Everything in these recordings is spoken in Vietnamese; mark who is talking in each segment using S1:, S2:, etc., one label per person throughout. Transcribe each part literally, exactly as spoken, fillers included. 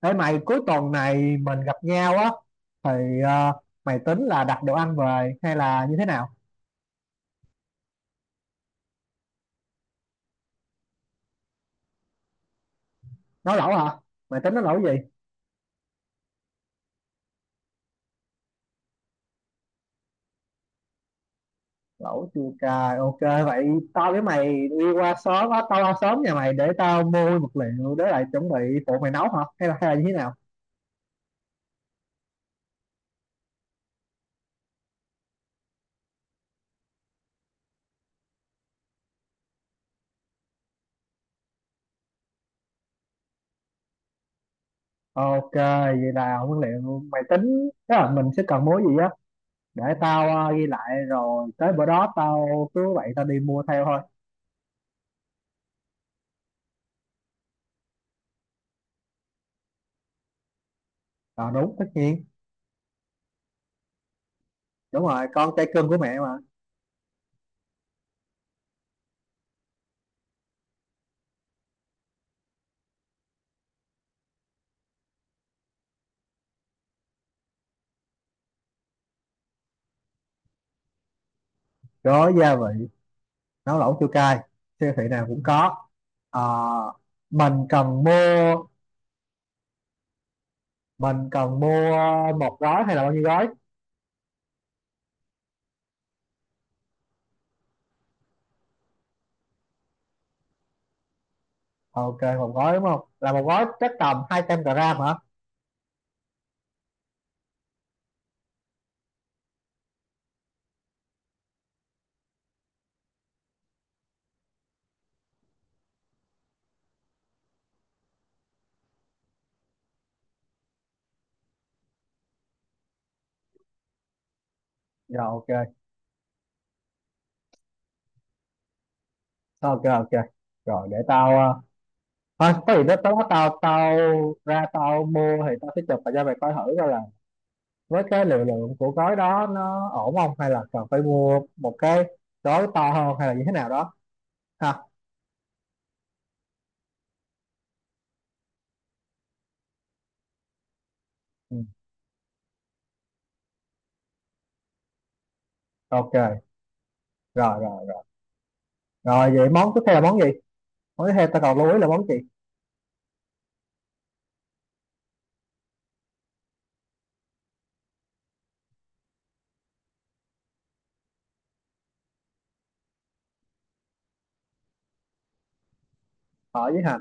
S1: Ê mày, cuối tuần này mình gặp nhau á thì ờ, mày tính là đặt đồ ăn về hay là như thế nào? Nấu lẩu hả? Mày tính nấu lẩu gì? Lẩu chua cay. Ok vậy tao với mày đi qua sớm á, tao qua sớm nhà mày để tao mua vật liệu để lại chuẩn bị phụ mày nấu hả? Hay là hay là như thế nào? Ok, vậy là nguyên liệu mày tính, tức là mình sẽ cần mua gì á, để tao ờ, ghi lại rồi tới bữa đó tao cứ vậy tao đi mua theo thôi. À, đúng, tất nhiên. Đúng rồi, con trai cưng của mẹ mà. Có gia vị nấu lẩu chua cay siêu thị nào cũng có. Ờ, mình cần mua, mình cần mua một gói hay là bao nhiêu gói? Ok một gói, đúng không? Là một gói chắc tầm hai trăm gram hả? Rồi, ok ok ok Rồi để tao, ờ, thôi có gì đó tao tao tao ra tao mua thì tao sẽ chụp và cho mày coi thử coi là với cái liều lượng của gói đó nó ổn không, hay là cần phải mua một cái gói to hơn hay là như thế nào đó ha. Ừ. Ok rồi rồi rồi rồi Vậy món tiếp theo là món gì? Mới theo ta còn lưu ý là món gì? Phở với hành.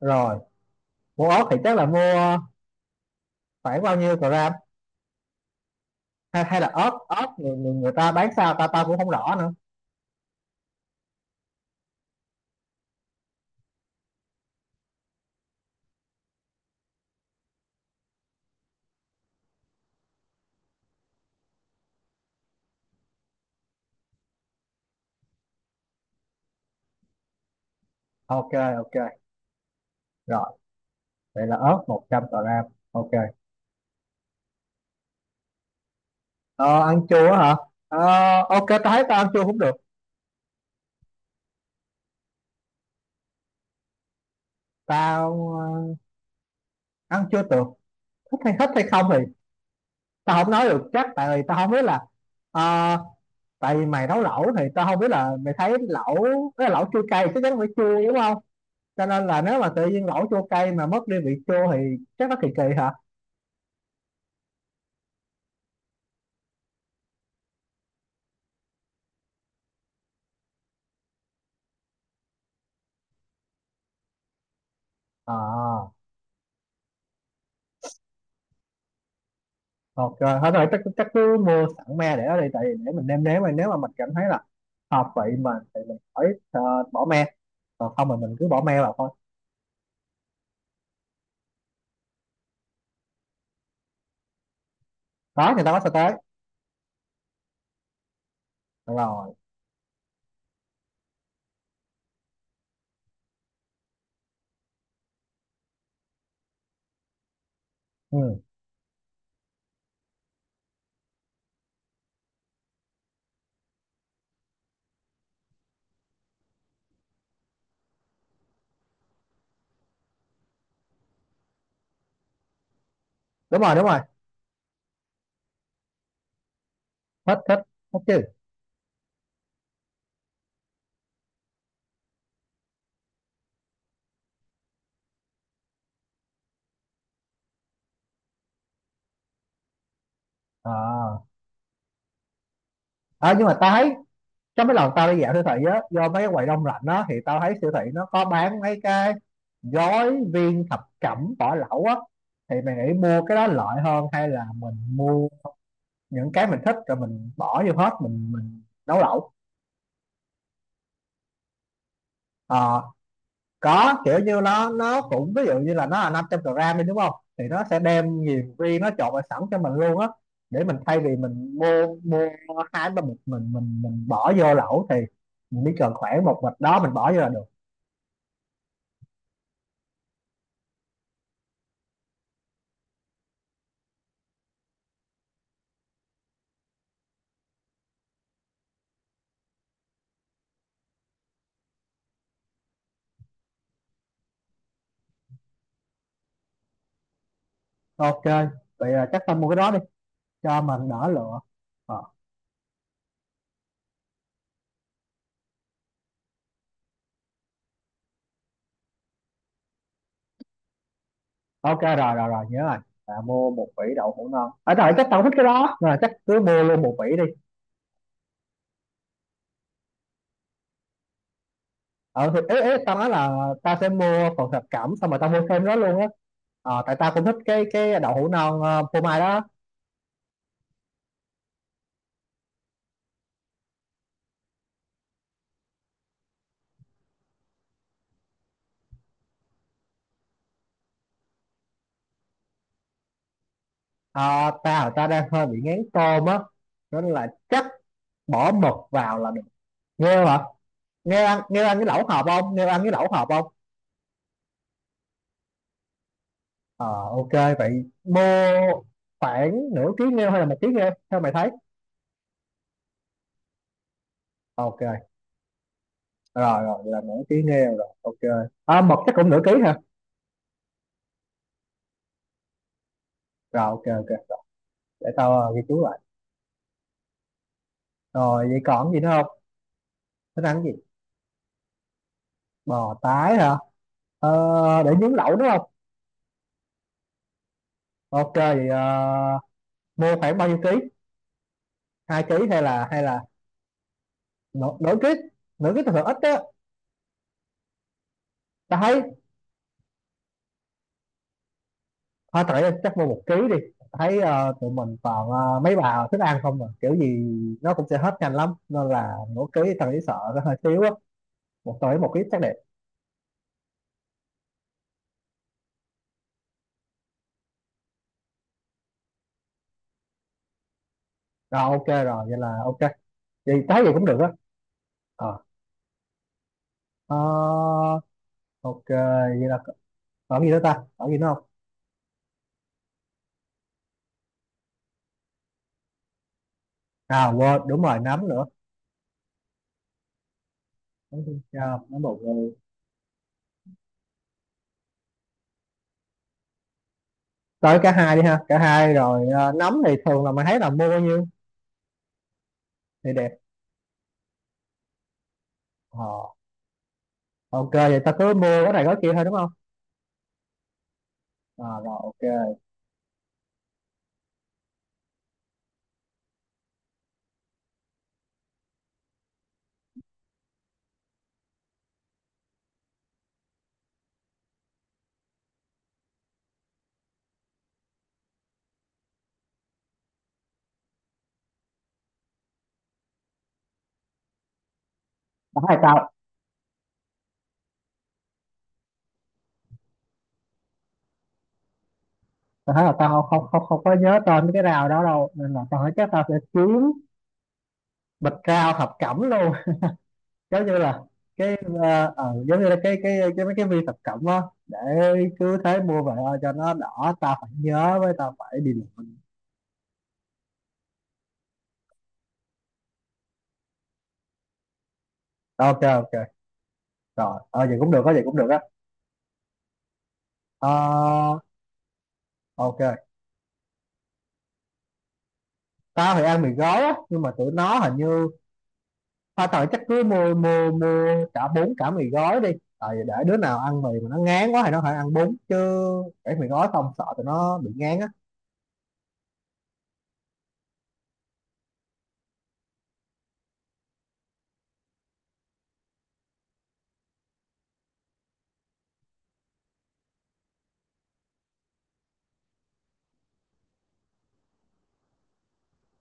S1: Rồi, mua ớt thì chắc là mua khoảng bao nhiêu gram? Hay, hay là ớt, ớt người, người, người ta bán sao ta ta cũng không rõ nữa. Ok, ok. Rồi, vậy là ớt một trăm gram. Ok. Ờ, ăn chua hả? Ờ, ok, ta thấy tao ăn chua cũng được. Tao ờ, ăn chua được. Thích hay thích hay không thì tao không nói được chắc, tại vì tao không biết là ờ, tại vì mày nấu lẩu thì tao không biết là mày thấy lẩu, cái lẩu chua cay chắc chắn phải chua đúng không? Cho nên là nếu mà tự nhiên lẩu chua cay mà mất đi vị chua thì chắc nó kỳ kỳ hả. À ok, thôi thôi chắc chắc cứ mua sẵn me để ở đây, tại vì để mình nêm nếm mà nếu mà mình cảm thấy là hợp vị mình thì mình khỏi ờ, bỏ me, còn không thì mình cứ bỏ me vào thôi. Đó người ta có sao tới. Được rồi. Ừ. Đúng rồi, đúng rồi. Thích, thích thích chứ. À. À nhưng mà tao thấy trong mấy lần tao đi dạo siêu thị á, do mấy cái quầy đông lạnh á thì tao thấy siêu thị nó có bán mấy cái gói viên thập cẩm vỏ lẩu á, thì mày nghĩ mua cái đó lợi hơn hay là mình mua những cái mình thích rồi mình bỏ vô hết mình mình nấu lẩu? Ờ, có kiểu như nó nó cũng ví dụ như là nó là năm trăm gram đi đúng không, thì nó sẽ đem nhiều, riêng nó trộn vào sẵn cho mình luôn á, để mình thay vì mình mua mua hai ba bịch mình mình mình bỏ vô lẩu, thì mình chỉ cần khoảng một bịch đó mình bỏ vô là được. Ok, vậy là chắc tao mua cái đó đi cho mình đỡ lựa. Ờ, ok, rồi rồi rồi nhớ rồi. À, mua một vỉ đậu hũ non ở rồi, chắc tao thích cái đó rồi, chắc cứ mua luôn một vỉ đi. Ờ thì ý, ý, tao nói là tao sẽ mua phần thập cẩm xong rồi tao mua thêm đó luôn á. Ờ, tại tao cũng thích cái cái đậu hũ non uh, phô mai đó. Ờ, tao tao đang hơi bị ngán tôm á nên là chắc bỏ mực vào là được. Nghêu hả? Nghêu ăn nghêu ăn cái lẩu hộp không Nghêu ăn cái lẩu hộp không? Ờ ok, vậy mua khoảng nửa ký nghêu hay là một ký nghêu theo mày thấy? Ok, rồi rồi vậy là nửa ký nêu rồi ok. À, mực chắc cũng nửa ký ha. Rồi ok ok rồi. Để tao ờ, ghi chú lại. Rồi vậy còn gì nữa không? Thích ăn gì? Bò tái hả? Ờ, để nướng lẩu đúng không? Ok vậy ờ, mua khoảng bao nhiêu ký? Hai ký hay là hay là? Nửa, nửa ký Nửa ký thường ít á. Tao thấy thôi tại chắc mua một ký đi. Tao thấy ờ, tụi mình toàn ờ, mấy bà thích ăn không mà kiểu gì nó cũng sẽ hết nhanh lắm, nên là nửa ký tao nghĩ sợ nó hơi thiếu á, một tới một ký chắc đẹp. Rồi ok rồi, vậy là ok. Vậy tái gì cũng được á. À, ờ, ok. Vậy là còn gì nữa ta, còn gì nữa không? À quên, đúng rồi, nấm nữa. Nấm thiên châu, nấm bột ngô. Tới cả hai đi ha, cả hai. Rồi ờ, nấm thì thường là mình thấy là mua bao nhiêu thì đẹp? Ờ, ok vậy ta cứ mua cái này cái kia thôi đúng không? À, rồi ok. tao thấy tao tao thấy là tao không không không có nhớ tên mấy cái rau đó đâu, nên là tao thấy chắc tao sẽ kiếm bịch rau thập cẩm luôn, giống như là cái, ờ, ờ, giống như là cái cái cái mấy cái viên thập cẩm á, để cứ thế mua về ờ, cho nó đỏ. Tao phải nhớ với tao phải đi lượm. Ok ok, rồi ờ vậy cũng được á, vậy cũng được á Ờ, ok. Tao thì ăn mì gói á, nhưng mà tụi nó hình như, tao thời chắc cứ mua mua mua cả bún cả mì gói đi, tại vì để đứa nào ăn mì mà nó ngán quá thì nó phải ăn bún chứ, để mì gói không sợ tụi nó bị ngán á.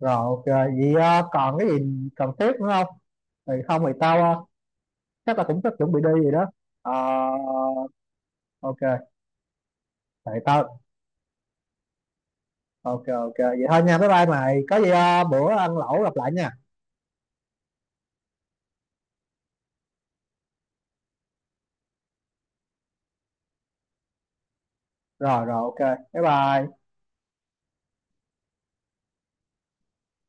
S1: Rồi ok, vậy ờ, còn cái gì cần thiết nữa không? Thì không thì tao ờ, chắc là cũng sắp chuẩn bị đi gì đó. Ờ, ok. Vậy tao, ok ok, vậy thôi nha, bye bye, mày có gì ờ, bữa ăn lẩu gặp lại nha. Rồi rồi ok, bye bye.